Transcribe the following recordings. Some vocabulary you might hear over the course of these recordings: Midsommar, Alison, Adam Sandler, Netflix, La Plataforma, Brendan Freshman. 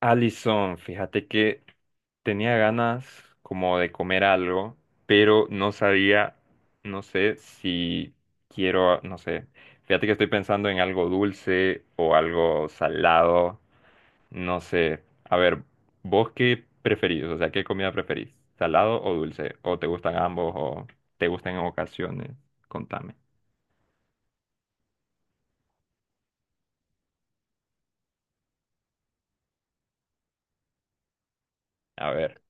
Alison, fíjate que tenía ganas como de comer algo, pero no sabía, no sé si quiero, no sé. Fíjate que estoy pensando en algo dulce o algo salado, no sé. A ver, ¿vos qué preferís? O sea, ¿qué comida preferís? ¿Salado o dulce? ¿O te gustan ambos o te gustan en ocasiones? Contame. A ver.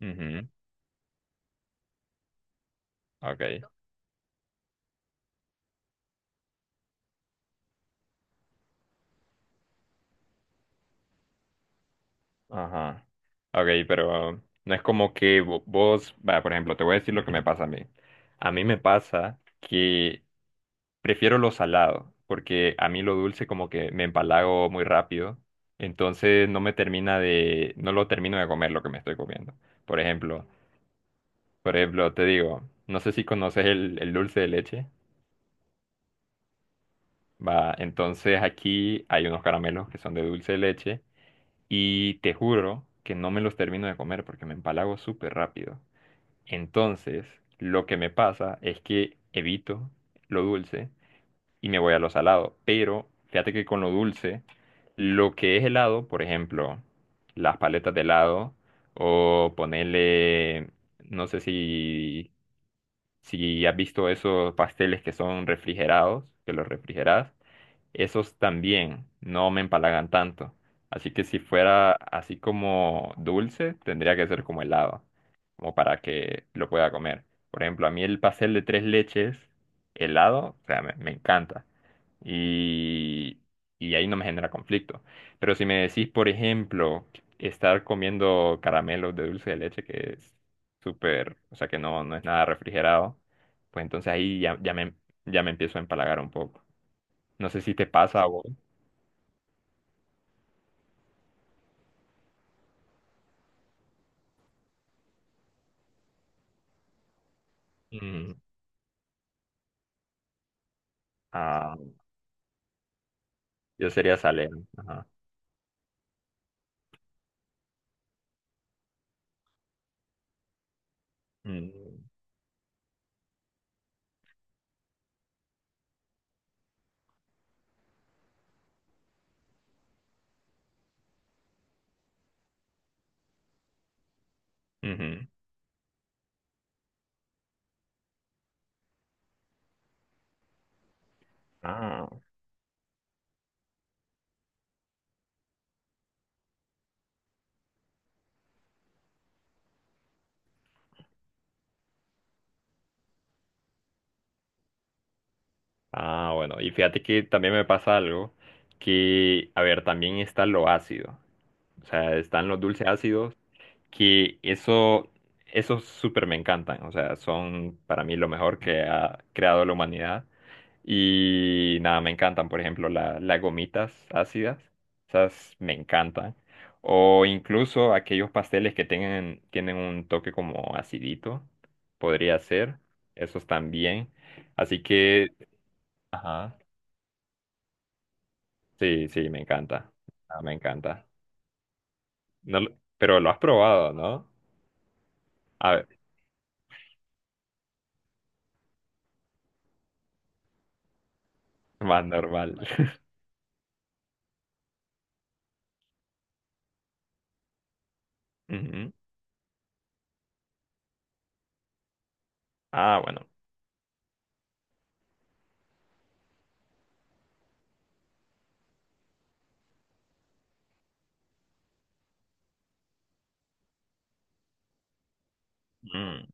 Ujú. Ok. Ajá. Ok, pero no es como que vos, va, por ejemplo, te voy a decir lo que me pasa a mí. A mí me pasa que prefiero lo salado, porque a mí lo dulce como que me empalago muy rápido, entonces no me termina de, no lo termino de comer lo que me estoy comiendo. Por ejemplo, por ejemplo, te digo, no sé si conoces el dulce de leche, va, entonces aquí hay unos caramelos que son de dulce de leche y te juro que no me los termino de comer porque me empalago súper rápido. Entonces, lo que me pasa es que evito lo dulce y me voy a lo salado. Pero fíjate que con lo dulce, lo que es helado, por ejemplo, las paletas de helado o ponerle, no sé si, si has visto esos pasteles que son refrigerados, que los refrigeras esos también no me empalagan tanto. Así que si fuera así como dulce, tendría que ser como helado, como para que lo pueda comer. Por ejemplo, a mí el pastel de tres leches helado, o sea, me encanta. Y, y ahí no me genera conflicto. Pero si me decís, por ejemplo, estar comiendo caramelos de dulce de leche, que es súper, o sea, que no, no es nada refrigerado, pues entonces ahí ya me empiezo a empalagar un poco. No sé si te pasa a vos. Mm, ah, yo sería Salem. Ajá. Mm, ujú. Ah, ah, bueno. Y fíjate que también me pasa algo que, a ver, también está lo ácido. O sea, están los dulces ácidos que eso, esos súper me encantan. O sea, son para mí lo mejor que ha creado la humanidad. Y nada, me encantan, por ejemplo, las gomitas ácidas, esas me encantan. O incluso aquellos pasteles que tengan, tienen un toque como acidito, podría ser, esos también. Así que, ajá, sí, sí, me encanta, ah, me encanta. No lo- pero lo has probado, ¿no? A ver, más normal. Ujú. Ah, bueno. Mm.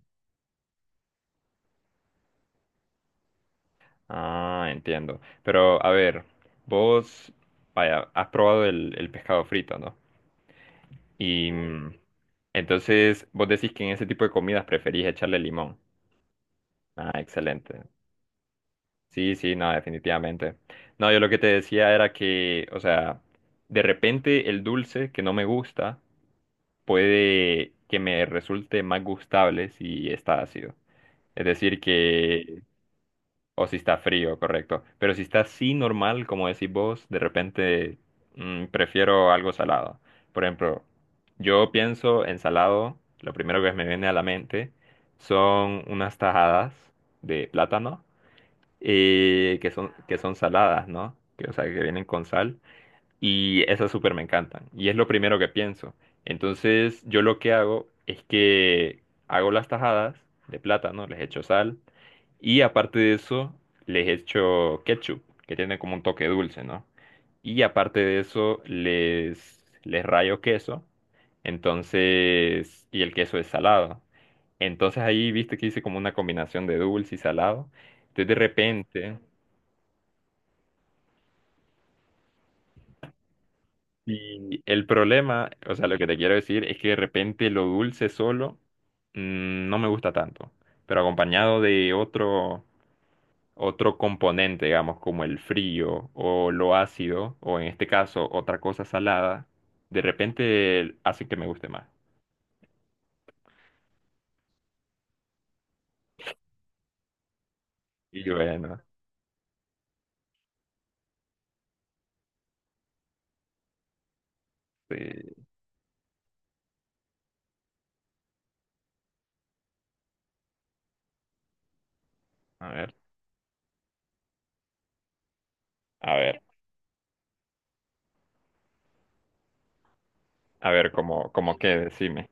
Ah, entiendo. Pero, a ver, vos, vaya, has probado el pescado frito, ¿no? Y mm, entonces vos decís que en ese tipo de comidas preferís echarle limón. Ah, excelente. Sí, sí, no, definitivamente. No, yo lo que te decía era que, o sea, de repente el dulce que no me gusta puede que me resulte más gustable si está ácido. Es decir, que o si está frío, correcto. Pero si está así normal, como decís vos, de repente mm, prefiero algo salado. Por ejemplo, yo pienso en salado, lo primero que me viene a la mente son unas tajadas de plátano que son saladas, ¿no? Que, o sea, que vienen con sal y esas súper me encantan y es lo primero que pienso. Entonces yo lo que hago es que hago las tajadas de plátano, les echo sal y aparte de eso les echo ketchup, que tiene como un toque dulce, ¿no? Y aparte de eso les rayo queso, entonces, y el queso es salado. Entonces ahí viste que hice como una combinación de dulce y salado. Entonces de repente... Y el problema, o sea, lo que te quiero decir es que de repente lo dulce solo mm, no me gusta tanto, pero acompañado de otro, otro componente, digamos, como el frío o lo ácido, o en este caso otra cosa salada, de repente hace que me guste más. Y bueno, sí, a ver, a ver, a ver cómo, cómo qué, decime.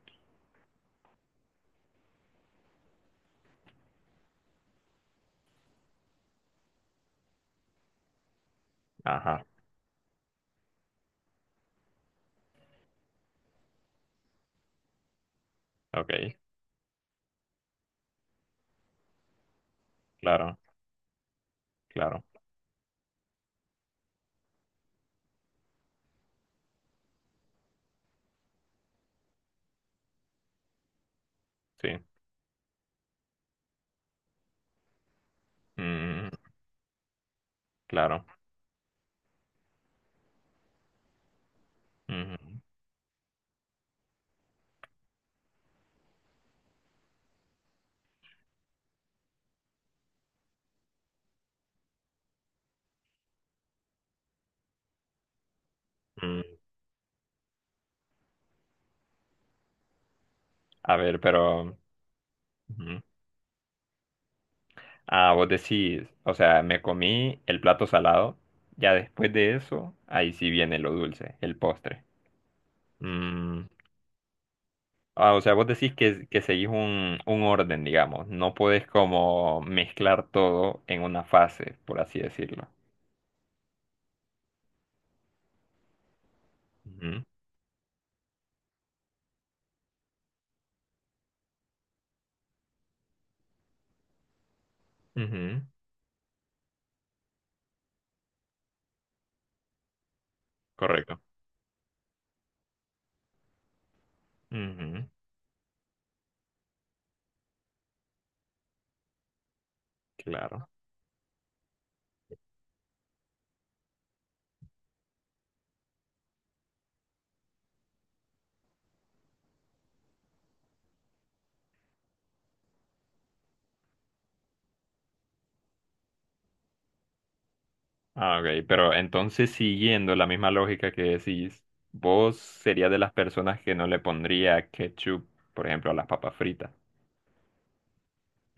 Ajá, ok, claro, claro, sí, mm, claro. Ujú, mm, a ver, pero... Ujú. Ah, vos decís, o sea, me comí el plato salado, ya después de eso, ahí sí viene lo dulce, el postre. Mm, ah, o sea, vos decís que seguís un orden, digamos, no podés como mezclar todo en una fase, por así decirlo. Ujú, ujú, correcto. Ujú, claro. Ah, ok, pero entonces siguiendo la misma lógica que decís, vos serías de las personas que no le pondría ketchup, por ejemplo, a las papas fritas.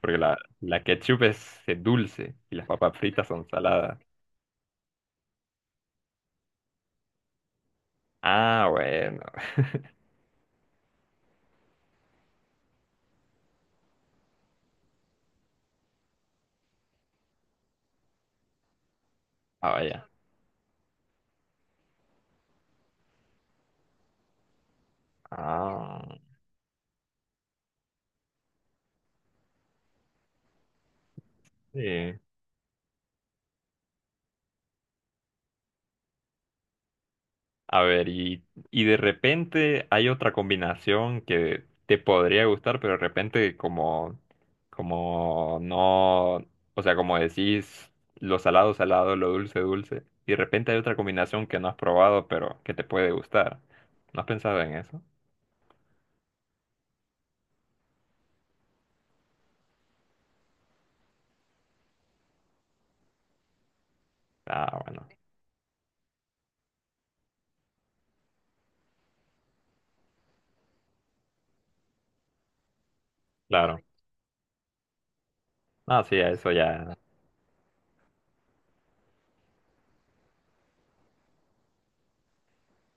Porque la ketchup es dulce y las papas fritas son saladas. Ah, bueno. Ah, vaya. Ah, sí. A ver, y de repente hay otra combinación que te podría gustar, pero de repente como, como no, o sea, como decís, lo salado, salado, lo dulce, dulce. Y de repente hay otra combinación que no has probado, pero que te puede gustar. ¿No has pensado en eso? Ah, bueno. Claro. Ah, sí, a eso ya.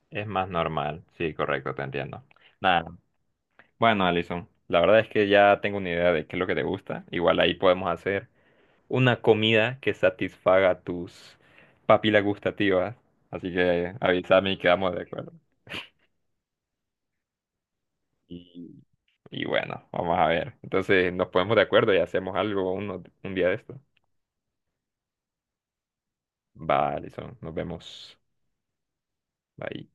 Es más normal, sí, correcto, te entiendo. Nada, bueno, Alison, la verdad es que ya tengo una idea de qué es lo que te gusta. Igual ahí podemos hacer una comida que satisfaga tus papilas gustativas. Así que avísame y quedamos de acuerdo. Y, y bueno, vamos a ver. Entonces nos ponemos de acuerdo y hacemos algo un día de esto. Va, Alison, nos vemos. Bye.